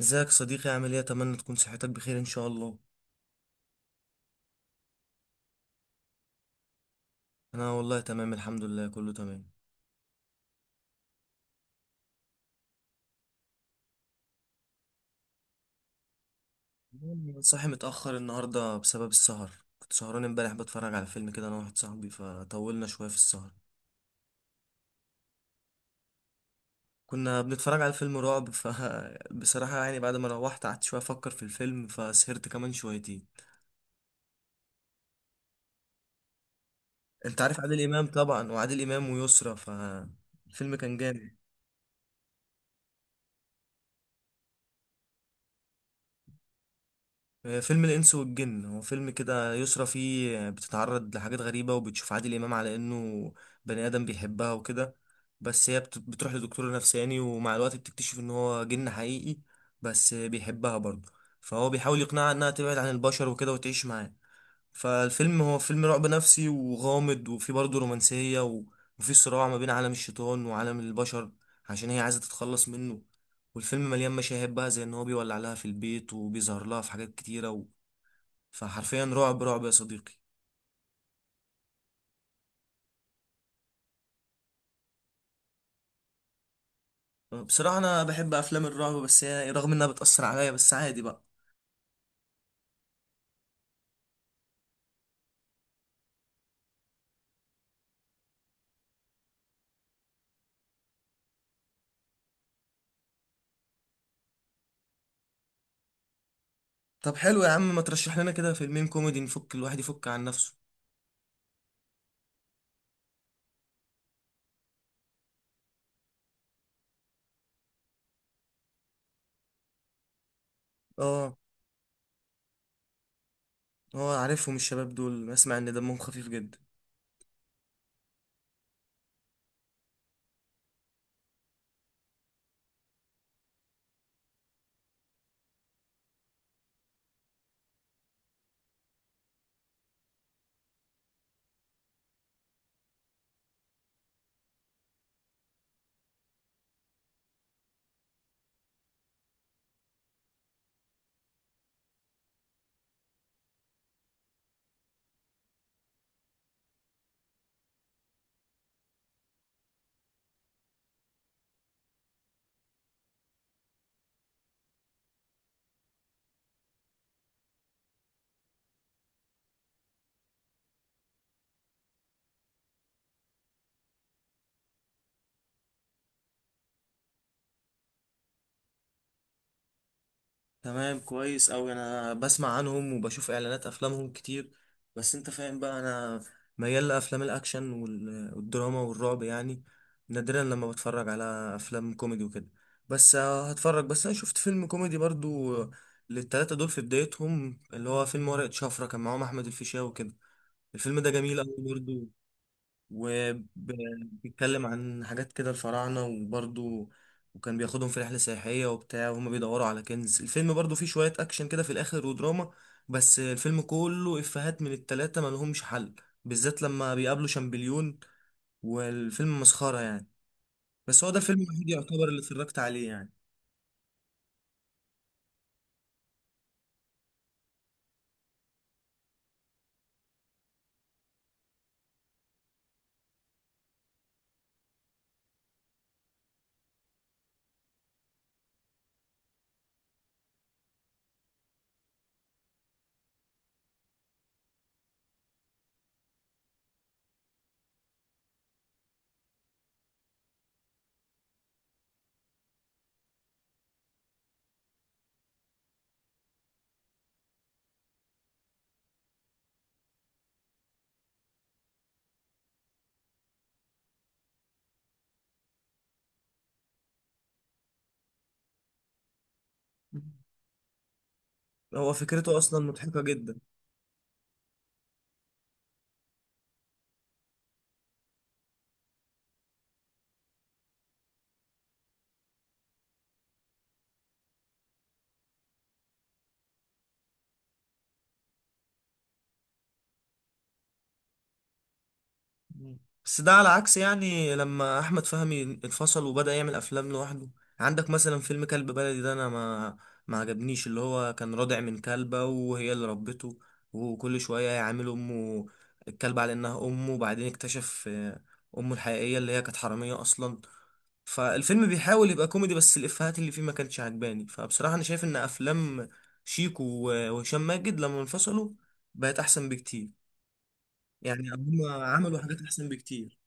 ازيك صديقي؟ عامل ايه؟ اتمنى تكون صحتك بخير ان شاء الله. انا والله تمام الحمد لله، كله تمام. صاحي متاخر النهارده بسبب السهر. كنت سهران امبارح بتفرج على فيلم كده انا واحد صاحبي، فطولنا شويه في السهر. كنا بنتفرج على فيلم رعب، فبصراحه يعني بعد ما روحت قعدت شويه افكر في الفيلم، فسهرت كمان شويتين. انت عارف عادل امام طبعا، وعادل امام ويسرا فالفيلم كان جامد. فيلم الإنس والجن، هو فيلم كده يسرى فيه بتتعرض لحاجات غريبة، وبتشوف عادل إمام على إنه بني آدم بيحبها وكده. بس هي بتروح لدكتور نفساني، ومع الوقت بتكتشف إن هو جن حقيقي بس بيحبها برضه. فهو بيحاول يقنعها إنها تبعد عن البشر وكده وتعيش معاه. فالفيلم هو فيلم رعب نفسي وغامض، وفيه برضه رومانسية وفيه صراع ما بين عالم الشيطان وعالم البشر، عشان هي عايزة تتخلص منه. والفيلم مليان مشاهد بقى، زي ان هو بيولع لها في البيت، وبيظهر لها في حاجات كتيرة فحرفيا رعب رعب يا صديقي. بصراحة انا بحب افلام الرعب، بس هي رغم انها بتأثر عليا بس عادي بقى. طب حلو يا عم، ما ترشح لنا كده فيلمين كوميدي نفك، الواحد يفك عن نفسه. اه. اه عارفهم الشباب دول، اسمع ان دمهم خفيف جدا. تمام، كويس أوي، أنا بسمع عنهم وبشوف إعلانات أفلامهم كتير. بس أنت فاهم بقى، أنا ميال لأفلام الأكشن والدراما والرعب يعني. نادرا لما بتفرج على أفلام كوميدي وكده. بس هتفرج، بس أنا شفت فيلم كوميدي برضو للتلاتة دول في بدايتهم، اللي هو فيلم ورقة شفرة، كان معاهم أحمد الفيشاوي وكده. الفيلم ده جميل أوي برضو، وبيتكلم عن حاجات كده الفراعنة وبرضو، وكان بياخدهم في رحلة سياحية وبتاع، وهما بيدوروا على كنز. الفيلم برضو فيه شوية أكشن كده في الآخر ودراما، بس الفيلم كله إفيهات من التلاتة ملهمش حل، بالذات لما بيقابلوا شامبليون. والفيلم مسخرة يعني. بس هو ده الفيلم الوحيد يعتبر اللي اتفرجت عليه يعني. هو فكرته أصلا مضحكة جدا. مم. بس ده على عكس يعني لما احمد فهمي انفصل وبدأ يعمل افلام لوحده. عندك مثلا فيلم كلب بلدي ده، انا ما عجبنيش، اللي هو كان رادع من كلبة وهي اللي ربته، وكل شوية يعامل امه الكلبة على انها امه، وبعدين اكتشف امه الحقيقية اللي هي كانت حرامية اصلا. فالفيلم بيحاول يبقى كوميدي، بس الافيهات اللي فيه ما كانتش عجباني. فبصراحة انا شايف ان افلام وهشام ماجد لما انفصلوا بقت احسن بكتير، يعني هم عملوا حاجات احسن بكتير.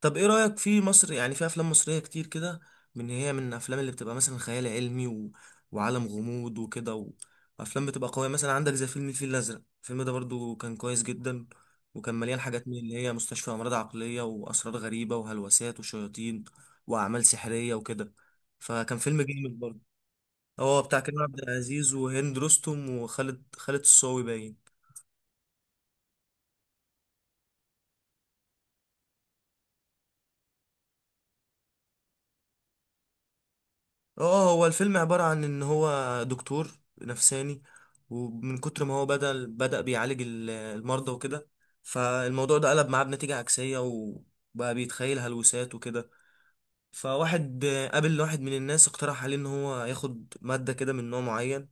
طب ايه رأيك في مصر، يعني في افلام مصرية كتير كده، من هي من الافلام اللي بتبقى مثلا خيال علمي وعالم غموض وكده وافلام بتبقى قوية؟ مثلا عندك زي فيلم الفيل الازرق، الفيلم ده برضو كان كويس جدا، وكان مليان حاجات من اللي هي مستشفى امراض عقلية واسرار غريبة وهلوسات وشياطين واعمال سحرية وكده. فكان فيلم جامد برضو. اه بتاع كريم عبد العزيز وهند رستم، وخالد الصاوي باين. اه هو الفيلم عبارة عن ان هو دكتور نفساني، ومن كتر ما هو بدأ بيعالج المرضى وكده، فالموضوع ده قلب معاه بنتيجة عكسية، وبقى بيتخيل هلوسات وكده. فواحد قابل واحد من الناس اقترح عليه ان هو ياخد مادة كده من نوع معين،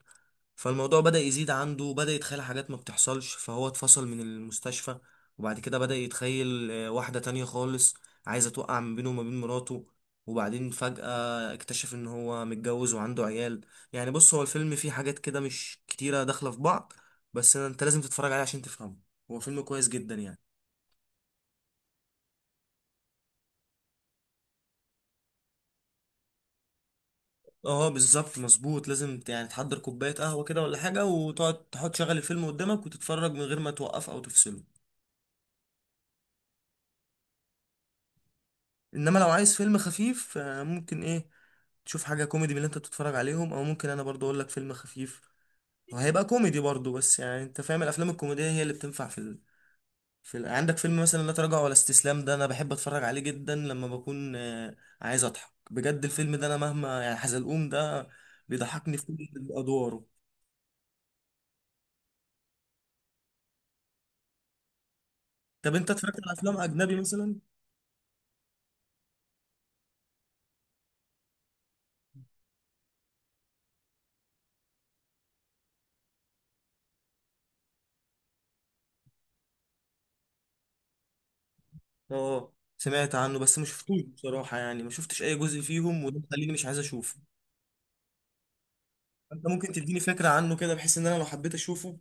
فالموضوع بدأ يزيد عنده، بدأ يتخيل حاجات ما بتحصلش، فهو اتفصل من المستشفى. وبعد كده بدأ يتخيل واحدة تانية خالص عايزة توقع من بينه وما بين مراته. وبعدين فجأة اكتشف ان هو متجوز وعنده عيال. يعني بص، هو الفيلم فيه حاجات كده مش كتيرة داخلة في بعض، بس انت لازم تتفرج عليه عشان تفهمه. هو فيلم كويس جدا يعني. اه بالظبط مظبوط، لازم يعني تحضر كوباية قهوة كده ولا حاجة، وتقعد تحط شغل الفيلم قدامك، وتتفرج من غير ما توقف او تفصله. انما لو عايز فيلم خفيف ممكن ايه، تشوف حاجه كوميدي من اللي انت بتتفرج عليهم، او ممكن انا برضو اقول لك فيلم خفيف وهيبقى كوميدي برضو. بس يعني انت فاهم، الافلام الكوميديه هي اللي بتنفع في في عندك فيلم مثلا لا تراجع ولا استسلام، ده انا بحب اتفرج عليه جدا لما بكون عايز اضحك بجد. الفيلم ده انا مهما يعني، حزلقوم ده بيضحكني في كل ادواره. طب انت اتفرجت على افلام اجنبي مثلا؟ اه سمعت عنه بس ما شفتوش بصراحه، يعني ما شفتش اي جزء فيهم، وده مخليني مش عايز اشوفه. انت ممكن تديني فكرة عنه كده، بحيث ان انا لو حبيت اشوفه؟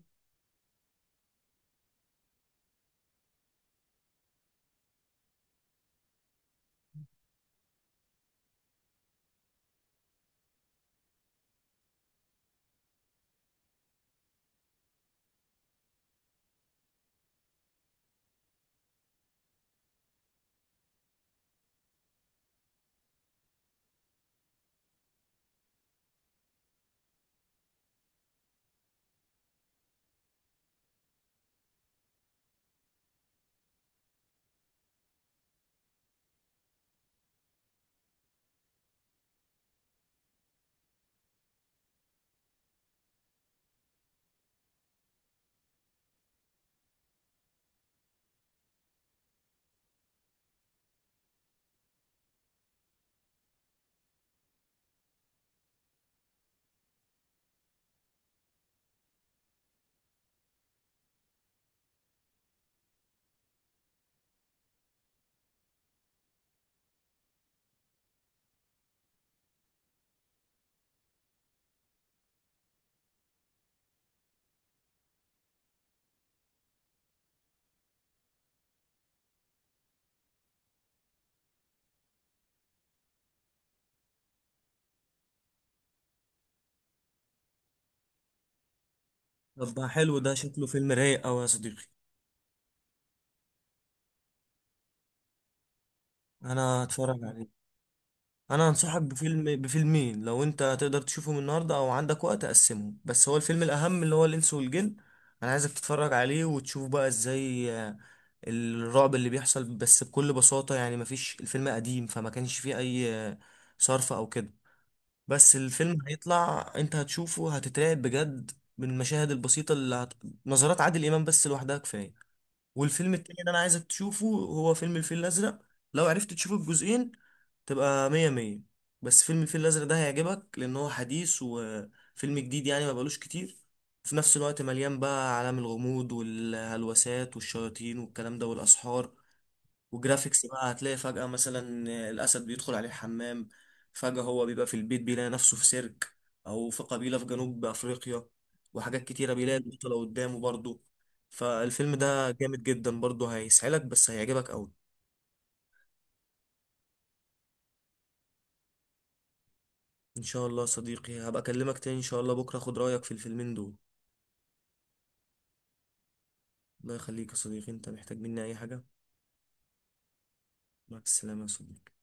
يبقى حلو، ده شكله فيلم رايق اوي يا صديقي. انا هتفرج عليه. انا هنصحك بفيلم بفيلمين، لو انت تقدر تشوفهم النهارده او عندك وقت اقسمهم. بس هو الفيلم الاهم اللي هو الانس والجن، انا عايزك تتفرج عليه وتشوف بقى ازاي الرعب اللي بيحصل بس بكل بساطة، يعني مفيش، الفيلم قديم فما كانش فيه اي صرف او كده، بس الفيلم هيطلع، انت هتشوفه هتترعب بجد من المشاهد البسيطة اللي نظرات عادل امام بس لوحدها كفاية. والفيلم التاني اللي انا عايزك تشوفه هو فيلم الفيل الازرق، لو عرفت تشوف الجزئين تبقى مية مية. بس فيلم الفيل الازرق ده هيعجبك، لان هو حديث وفيلم جديد يعني ما بقالوش كتير، في نفس الوقت مليان بقى عالم الغموض والهلوسات والشياطين والكلام ده والاسحار وجرافيكس بقى. هتلاقي فجأة مثلا الأسد بيدخل عليه الحمام، فجأة هو بيبقى في البيت بيلاقي نفسه في سيرك، أو في قبيلة في جنوب أفريقيا، وحاجات كتيرة، بيلاقي البطلة قدامه برضه. فالفيلم ده جامد جدا برضه، هيسعلك بس هيعجبك أوي. إن شاء الله يا صديقي، هبقى أكلمك تاني إن شاء الله بكرة، أخد رأيك في الفيلمين دول. الله يخليك يا صديقي، أنت محتاج مني أي حاجة. مع السلامة يا صديقي.